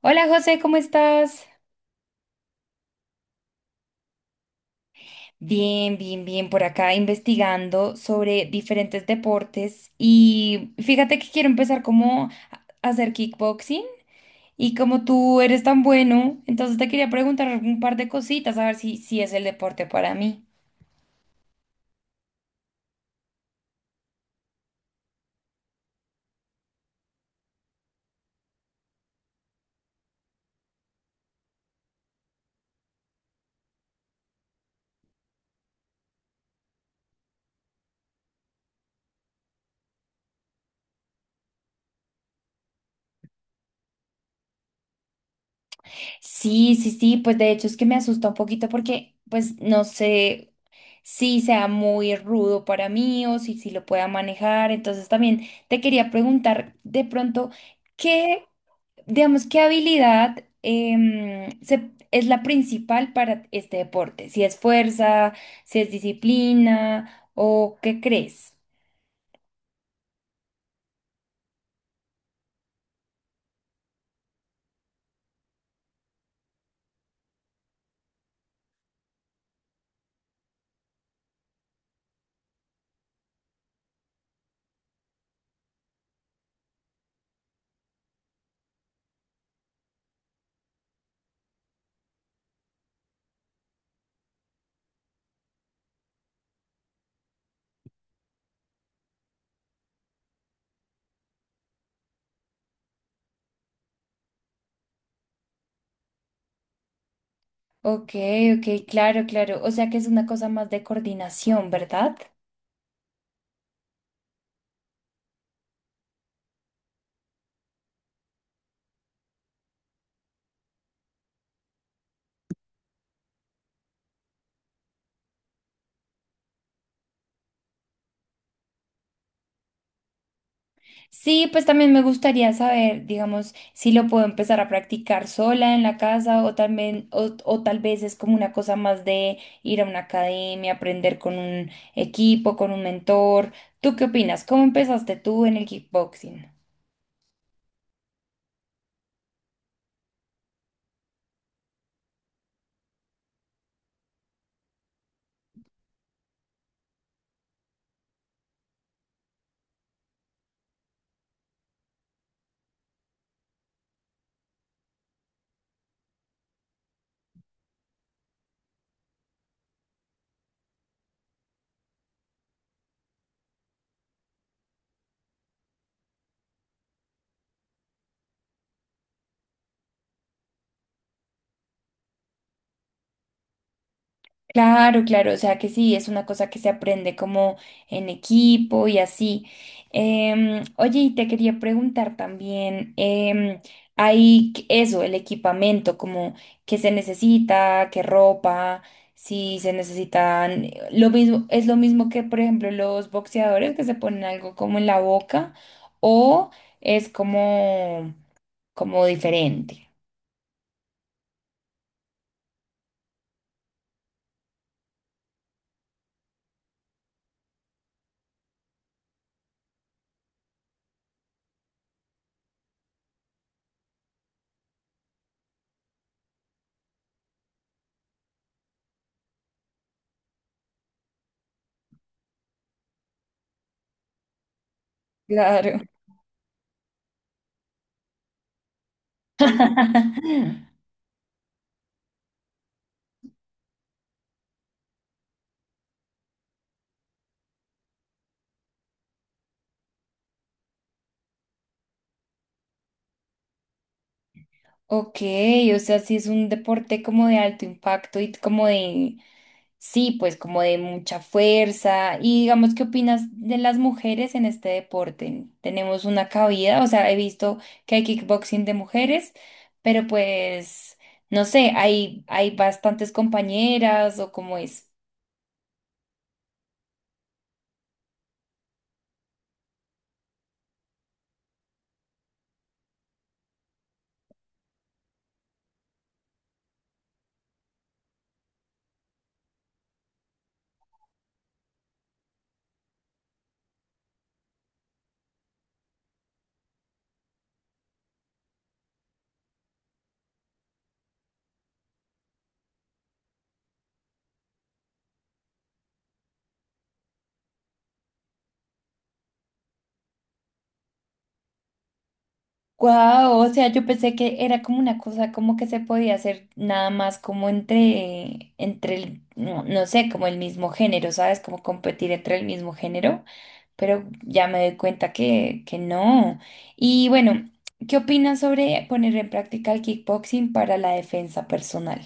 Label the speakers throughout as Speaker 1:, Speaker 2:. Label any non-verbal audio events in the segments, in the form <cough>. Speaker 1: Hola José, ¿cómo estás? Bien, bien, bien, por acá investigando sobre diferentes deportes y fíjate que quiero empezar como a hacer kickboxing y como tú eres tan bueno, entonces te quería preguntar un par de cositas a ver si es el deporte para mí. Sí, sí, sí, pues de hecho es que me asusta un poquito porque pues no sé si sea muy rudo para mí o si lo pueda manejar. Entonces también te quería preguntar de pronto, ¿qué, digamos, qué habilidad es la principal para este deporte? ¿Si es fuerza, si es disciplina o qué crees? Ok, ok, claro, claro. O sea que es una cosa más de coordinación, ¿verdad? Sí, pues también me gustaría saber, digamos, si lo puedo empezar a practicar sola en la casa o también, o tal vez es como una cosa más de ir a una academia, aprender con un equipo, con un mentor. ¿Tú qué opinas? ¿Cómo empezaste tú en el kickboxing? Claro, claro, o sea que sí, es una cosa que se aprende como en equipo y así. Oye, y te quería preguntar también, hay eso, el equipamiento, como qué se necesita, qué ropa, si se necesitan, lo mismo, es lo mismo que, por ejemplo, los boxeadores que se ponen algo como en la boca o es como, como diferente. Claro. <laughs> Ok, o sea, sí es un deporte como de alto impacto y como de, sí, pues como de mucha fuerza. Y digamos, ¿qué opinas de las mujeres en este deporte? ¿Tenemos una cabida? O sea, he visto que hay kickboxing de mujeres, pero pues, no sé, hay bastantes compañeras o cómo es. Wow, o sea, yo pensé que era como una cosa como que se podía hacer nada más como entre, entre el, no, no sé, como el mismo género, ¿sabes? Como competir entre el mismo género, pero ya me doy cuenta que no. Y bueno, ¿qué opinas sobre poner en práctica el kickboxing para la defensa personal?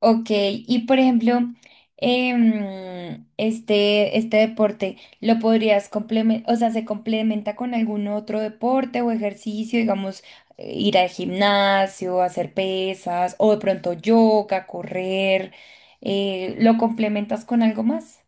Speaker 1: Ok, y por ejemplo, este, este deporte, ¿lo podrías complementar, o sea, se complementa con algún otro deporte o ejercicio, digamos, ir al gimnasio, hacer pesas, o de pronto yoga, correr, lo complementas con algo más?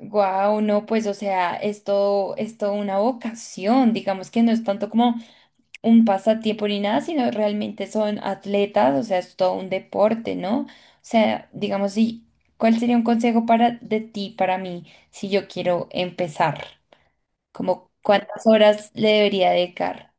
Speaker 1: Guau, no, pues, o sea, es todo una vocación, digamos que no es tanto como un pasatiempo ni nada, sino realmente son atletas, o sea, es todo un deporte, ¿no? O sea, digamos, si, ¿cuál sería un consejo para de ti, para mí, si yo quiero empezar? Como cuántas horas le debería dedicar?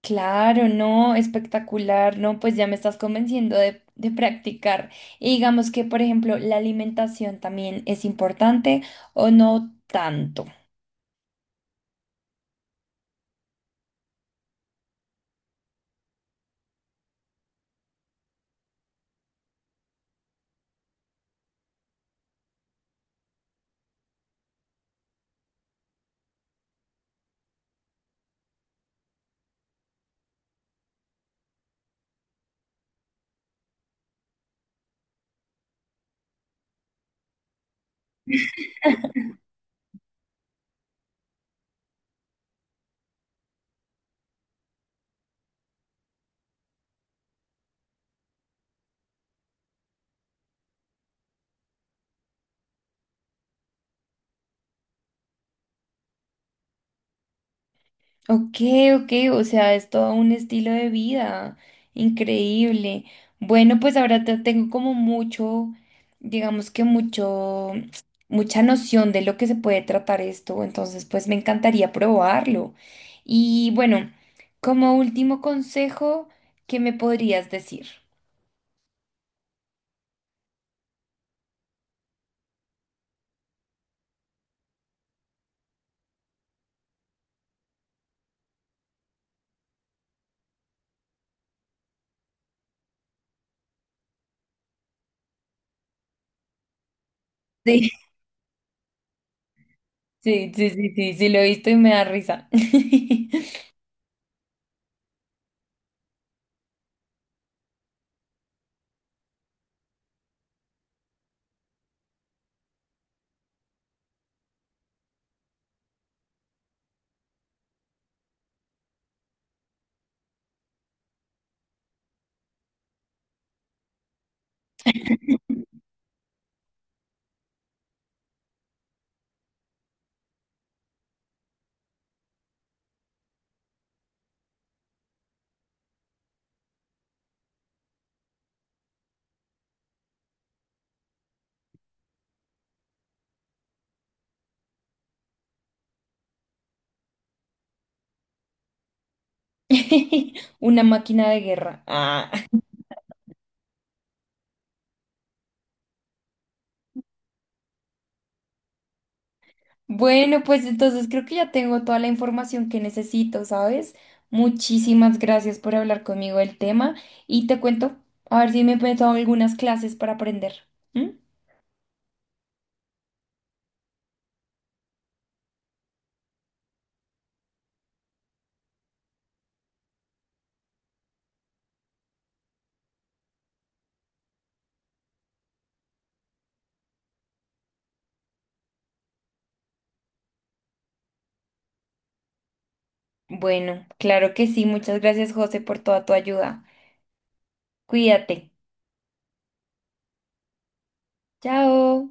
Speaker 1: Claro, no, espectacular, no, pues ya me estás convenciendo de practicar. Y digamos que, por ejemplo, la alimentación también es importante o no tanto. Ok, ok, o sea, es todo un estilo de vida increíble. Bueno, pues ahora tengo como mucho, digamos que mucho, mucha noción de lo que se puede tratar esto, entonces pues me encantaría probarlo. Y bueno, como último consejo, ¿qué me podrías decir? <laughs> Sí, sí, sí, sí, sí, sí, lo he visto y me da risa. <laughs> <laughs> Una máquina de guerra. Ah. <laughs> Bueno, pues entonces creo que ya tengo toda la información que necesito, ¿sabes? Muchísimas gracias por hablar conmigo del tema y te cuento, a ver si me he metido algunas clases para aprender. ¿M? Bueno, claro que sí. Muchas gracias, José, por toda tu ayuda. Cuídate. Chao.